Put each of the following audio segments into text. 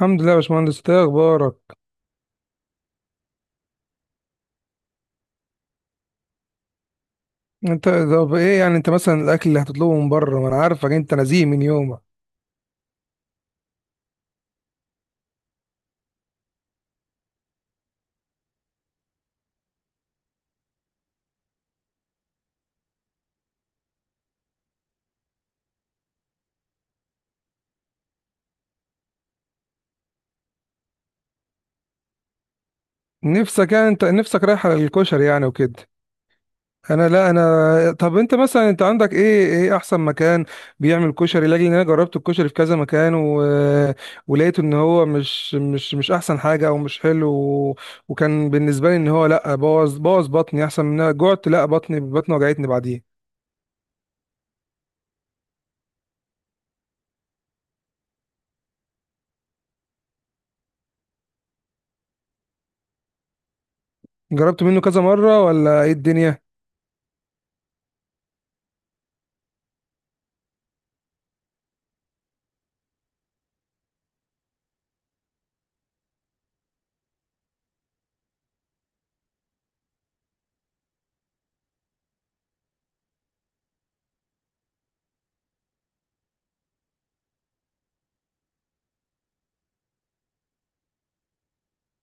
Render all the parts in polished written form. الحمد لله يا باشمهندس، إنت ايه اخبارك؟ انت طب ايه؟ انت مثلا الاكل اللي هتطلبه من بره، ما انا عارفك انت نزيه من يومك. نفسك انت نفسك رايح على الكشري وكده؟ انا لا انا طب انت مثلا انت عندك ايه؟ ايه احسن مكان بيعمل كشري؟ لاجل ان انا جربت الكشري في كذا مكان ولقيت ان هو مش احسن حاجه او مش حلو وكان بالنسبه لي ان هو لا، بوظ بطني، احسن من إن أنا جعت. لا، بطني وجعتني بعديه. جربت منه كذا مره ولا ايه الدنيا؟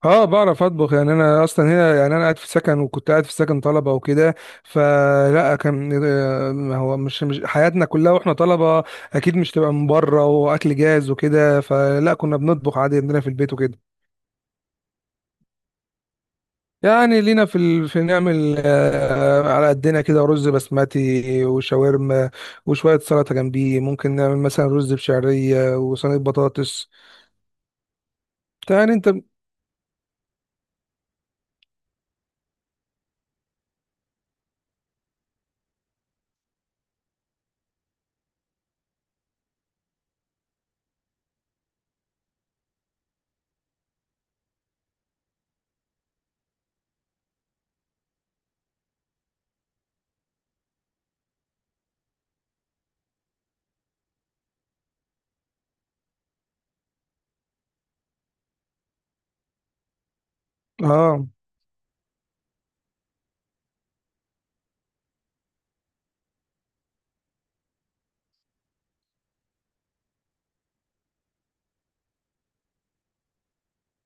اه بعرف اطبخ. انا اصلا هنا، انا قاعد في سكن، وكنت قاعد في سكن طلبه وكده. فلا كان ما هو مش حياتنا كلها واحنا طلبه اكيد مش تبقى من بره واكل جاهز وكده. فلا كنا بنطبخ عادي عندنا في البيت وكده. لينا في في نعمل على قدنا كده رز بسمتي وشاورما وشويه سلطه جنبيه. ممكن نعمل مثلا رز بشعريه وصينيه بطاطس. يعني انت اه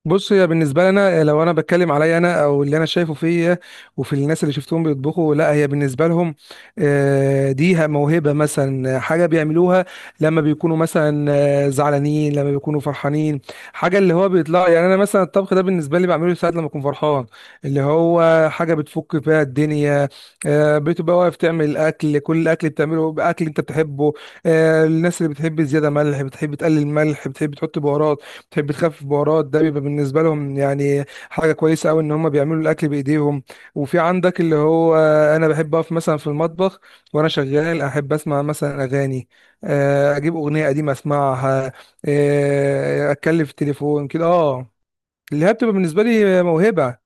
بص، هي بالنسبه لنا، لو انا بتكلم عليا انا او اللي انا شايفه فيا، وفي الناس اللي شفتهم بيطبخوا، لا هي بالنسبه لهم دي موهبه. مثلا حاجه بيعملوها لما بيكونوا مثلا زعلانين، لما بيكونوا فرحانين. حاجه اللي هو بيطلع. انا مثلا الطبخ ده بالنسبه لي بعمله ساعات لما اكون فرحان. اللي هو حاجه بتفك فيها الدنيا. بتبقى واقف تعمل اكل، كل الاكل بتعمله باكل انت بتحبه. الناس اللي بتحب زياده ملح، بتحب تقلل ملح، بتحب تحط بهارات، تحب تخفف بهارات، ده بيبقى بالنسبه لهم حاجه كويسه قوي ان هم بيعملوا الاكل بايديهم. وفي عندك اللي هو، انا بحب اقف مثلا في المطبخ وانا شغال، احب اسمع مثلا اغاني. اجيب اغنيه قديمه اسمعها. اتكلم في التليفون كده. اه اللي هي بتبقى بالنسبه لي موهبه.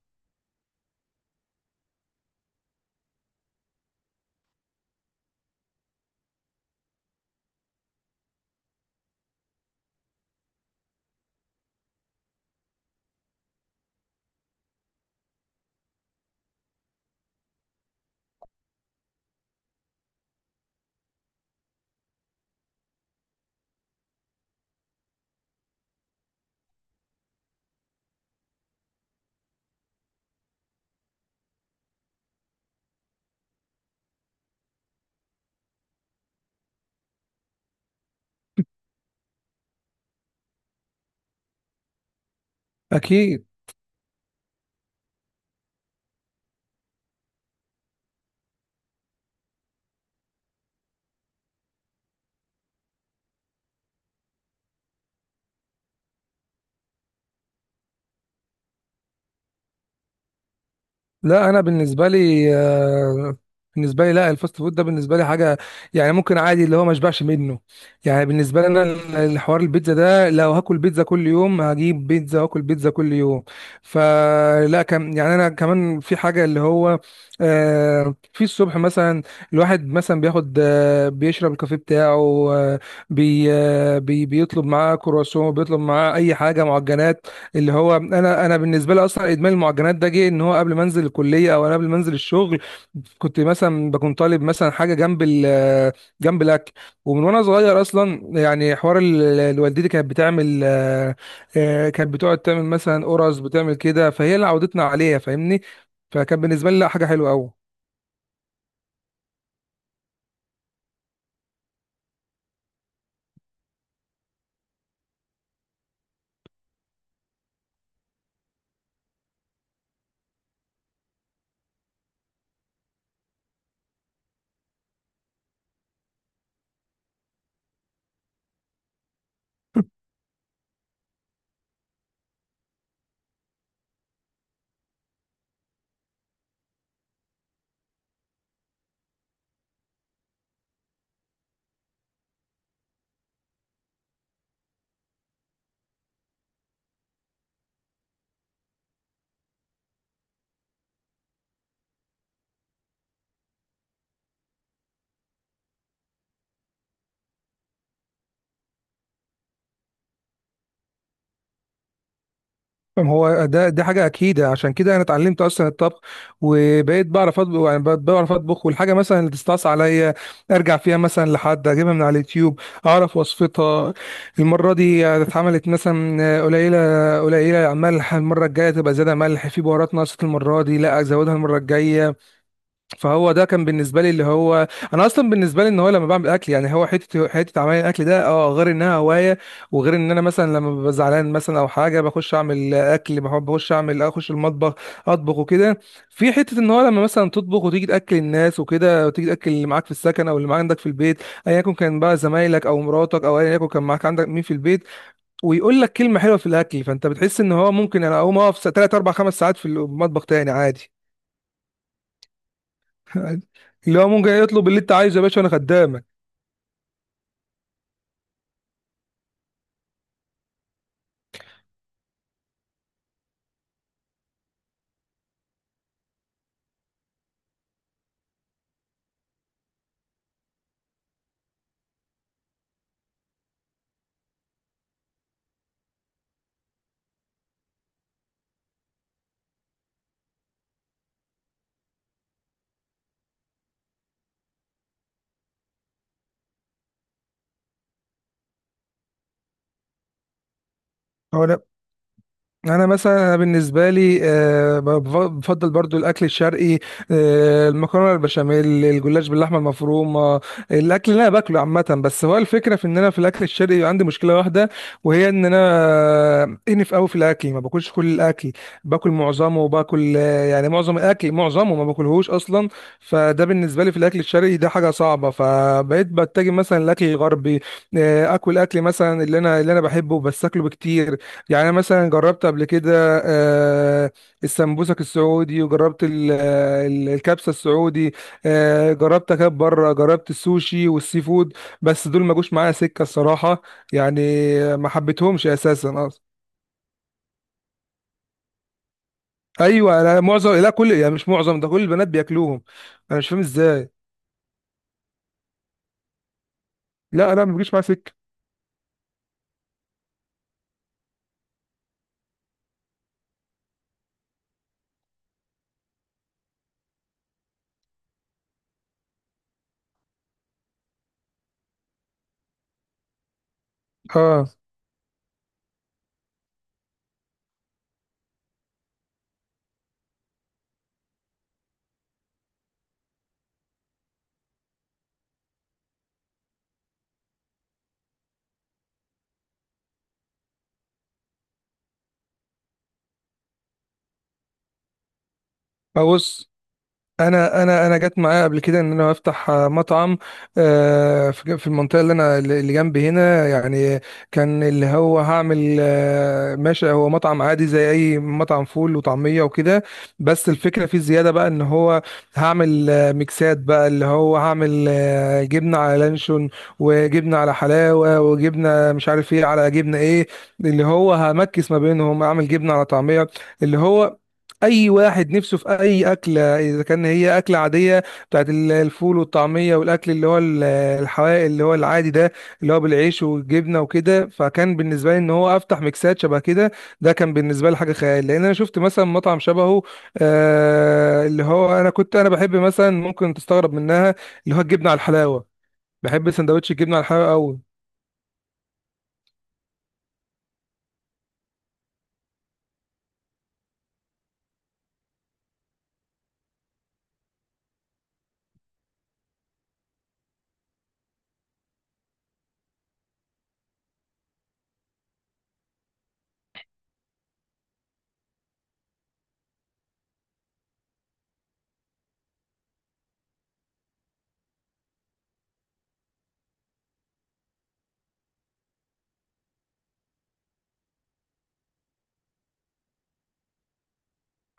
اكيد. لا انا بالنسبه لي، لا الفاست فود ده بالنسبه لي حاجه، ممكن عادي اللي هو ما اشبعش منه. بالنسبه لي انا الحوار البيتزا ده لو هاكل بيتزا كل يوم هجيب بيتزا واكل بيتزا كل يوم. فلا كم انا كمان في حاجه اللي هو في الصبح مثلا الواحد مثلا بياخد، بيشرب الكافيه بتاعه، آه، بي آه، بي بيطلب معاه كرواسون، بيطلب معاه اي حاجه معجنات. اللي هو انا بالنسبه لي اصلا ادمان المعجنات ده جه ان هو قبل ما انزل الكليه، او انا قبل ما انزل الشغل كنت مثلا بكون طالب مثلا حاجه جنب الاكل. ومن وانا صغير اصلا، حوار والدتي كانت بتعمل كانت بتقعد تعمل مثلا قرص، بتعمل كده، فهي اللي عودتنا عليها، فاهمني. فكان بالنسبه لي لا، حاجه حلوه قوي. ما هو ده دي حاجة أكيدة، عشان كده أنا اتعلمت أصلا الطبخ وبقيت بعرف أطبخ. بقيت بعرف أطبخ، والحاجة مثلا اللي تستعصي عليا أرجع فيها مثلا لحد أجيبها من على اليوتيوب، أعرف وصفتها. المرة دي اتعملت مثلا قليلة، قليلة ملح، المرة الجاية تبقى زيادة ملح، في بهارات ناقصة المرة دي، لا أزودها المرة الجاية. فهو ده كان بالنسبه لي اللي هو، انا اصلا بالنسبه لي ان هو لما بعمل اكل، هو حته عمل الاكل ده اه، غير انها هوايه وغير ان انا مثلا لما ببقى زعلان مثلا او حاجه بخش اعمل اكل. بحب بخش اعمل اخش المطبخ، اطبخ وكده. في حته ان هو لما مثلا تطبخ وتيجي تاكل الناس وكده، وتيجي تاكل اللي معاك في السكن او اللي معاك عندك في البيت، ايا يكن كان بقى زمايلك او مراتك او ايا يكن كان معاك عندك مين في البيت، ويقول لك كلمه حلوه في الاكل، فانت بتحس ان هو ممكن انا اقوم اقف 3 4 5 ساعات في المطبخ تاني عادي. اللي هو ممكن يطلب اللي انت عايزه يا باشا، وانا خدامك. هو انا انا مثلا أنا بالنسبه لي بفضل برضو الاكل الشرقي. المكرونه، البشاميل، الجلاش باللحمه المفرومه، الاكل اللي انا باكله عامه. بس هو الفكره في ان انا في الاكل الشرقي عندي مشكله واحده، وهي ان انا انف قوي في الاكل. ما باكلش كل الاكل، باكل معظمه وباكل، معظم الاكل معظمه ما باكلهوش اصلا. فده بالنسبه لي في الاكل الشرقي ده حاجه صعبه، فبقيت بتجه مثلا الاكل الغربي. اكل مثلا اللي انا بحبه، بس اكله بكتير. أنا مثلا جربت قبل كده آه، السمبوسك السعودي، وجربت الكبسه السعودي، جربت اكل بره، جربت السوشي والسي فود، بس دول ما جوش معايا سكه الصراحه. يعني ما حبيتهمش اساسا اصلا. ايوه انا معظم، لا كل، مش معظم ده، كل البنات بياكلوهم. انا مش فاهم ازاي. لا ما بيجيش معايا سكه. اه ابص، انا جت معايا قبل كده ان انا افتح مطعم في المنطقه اللي انا اللي جنبي هنا يعني. كان اللي هو هعمل، ماشي، هو مطعم عادي زي اي مطعم فول وطعميه وكده، بس الفكره فيه زياده بقى ان هو هعمل ميكسات بقى. اللي هو هعمل جبنه على لانشون، وجبنه على حلاوه، وجبنه مش عارف ايه على جبنه ايه، اللي هو همكس ما بينهم. اعمل جبنه على طعميه، اللي هو اي واحد نفسه في اي اكله، اذا كان هي اكله عاديه بتاعت الفول والطعميه والاكل اللي هو الحوائق اللي هو العادي ده، اللي هو بالعيش والجبنه وكده. فكان بالنسبه لي ان هو افتح ميكسات شبه كده. ده كان بالنسبه لي حاجه خيال، لان انا شفت مثلا مطعم شبهه. اللي هو انا كنت انا بحب مثلا، ممكن تستغرب منها، اللي هو الجبنه على الحلاوه. بحب سندوتش الجبنه على الحلاوه قوي.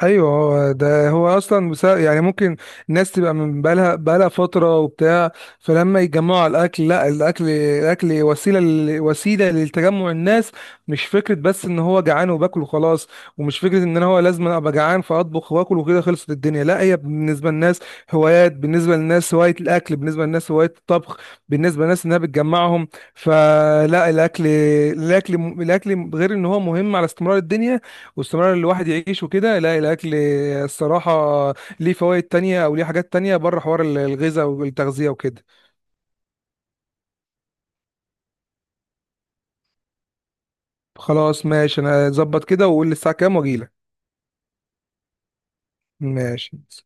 ايوه هو ده هو اصلا بسبب، ممكن الناس تبقى من بقالها فتره وبتاع، فلما يتجمعوا على الاكل لا، الاكل وسيله وسيله لتجمع الناس. مش فكره بس ان هو جعان وباكل وخلاص، ومش فكره ان انا هو لازم ابقى جعان فاطبخ واكل وكده خلصت الدنيا. لا هي بالنسبه للناس هوايات، بالنسبه للناس هوايه الاكل، بالنسبه للناس هوايه الطبخ، بالنسبه للناس انها بتجمعهم. فلا الاكل، الاكل غير ان هو مهم على استمرار الدنيا واستمرار الواحد يعيش وكده، لا الاكل الصراحه ليه فوائد تانية او ليه حاجات تانية بره حوار الغذاء والتغذيه وكده. خلاص ماشي، انا اظبط كده واقول لي الساعه كام واجيلك. ماشي.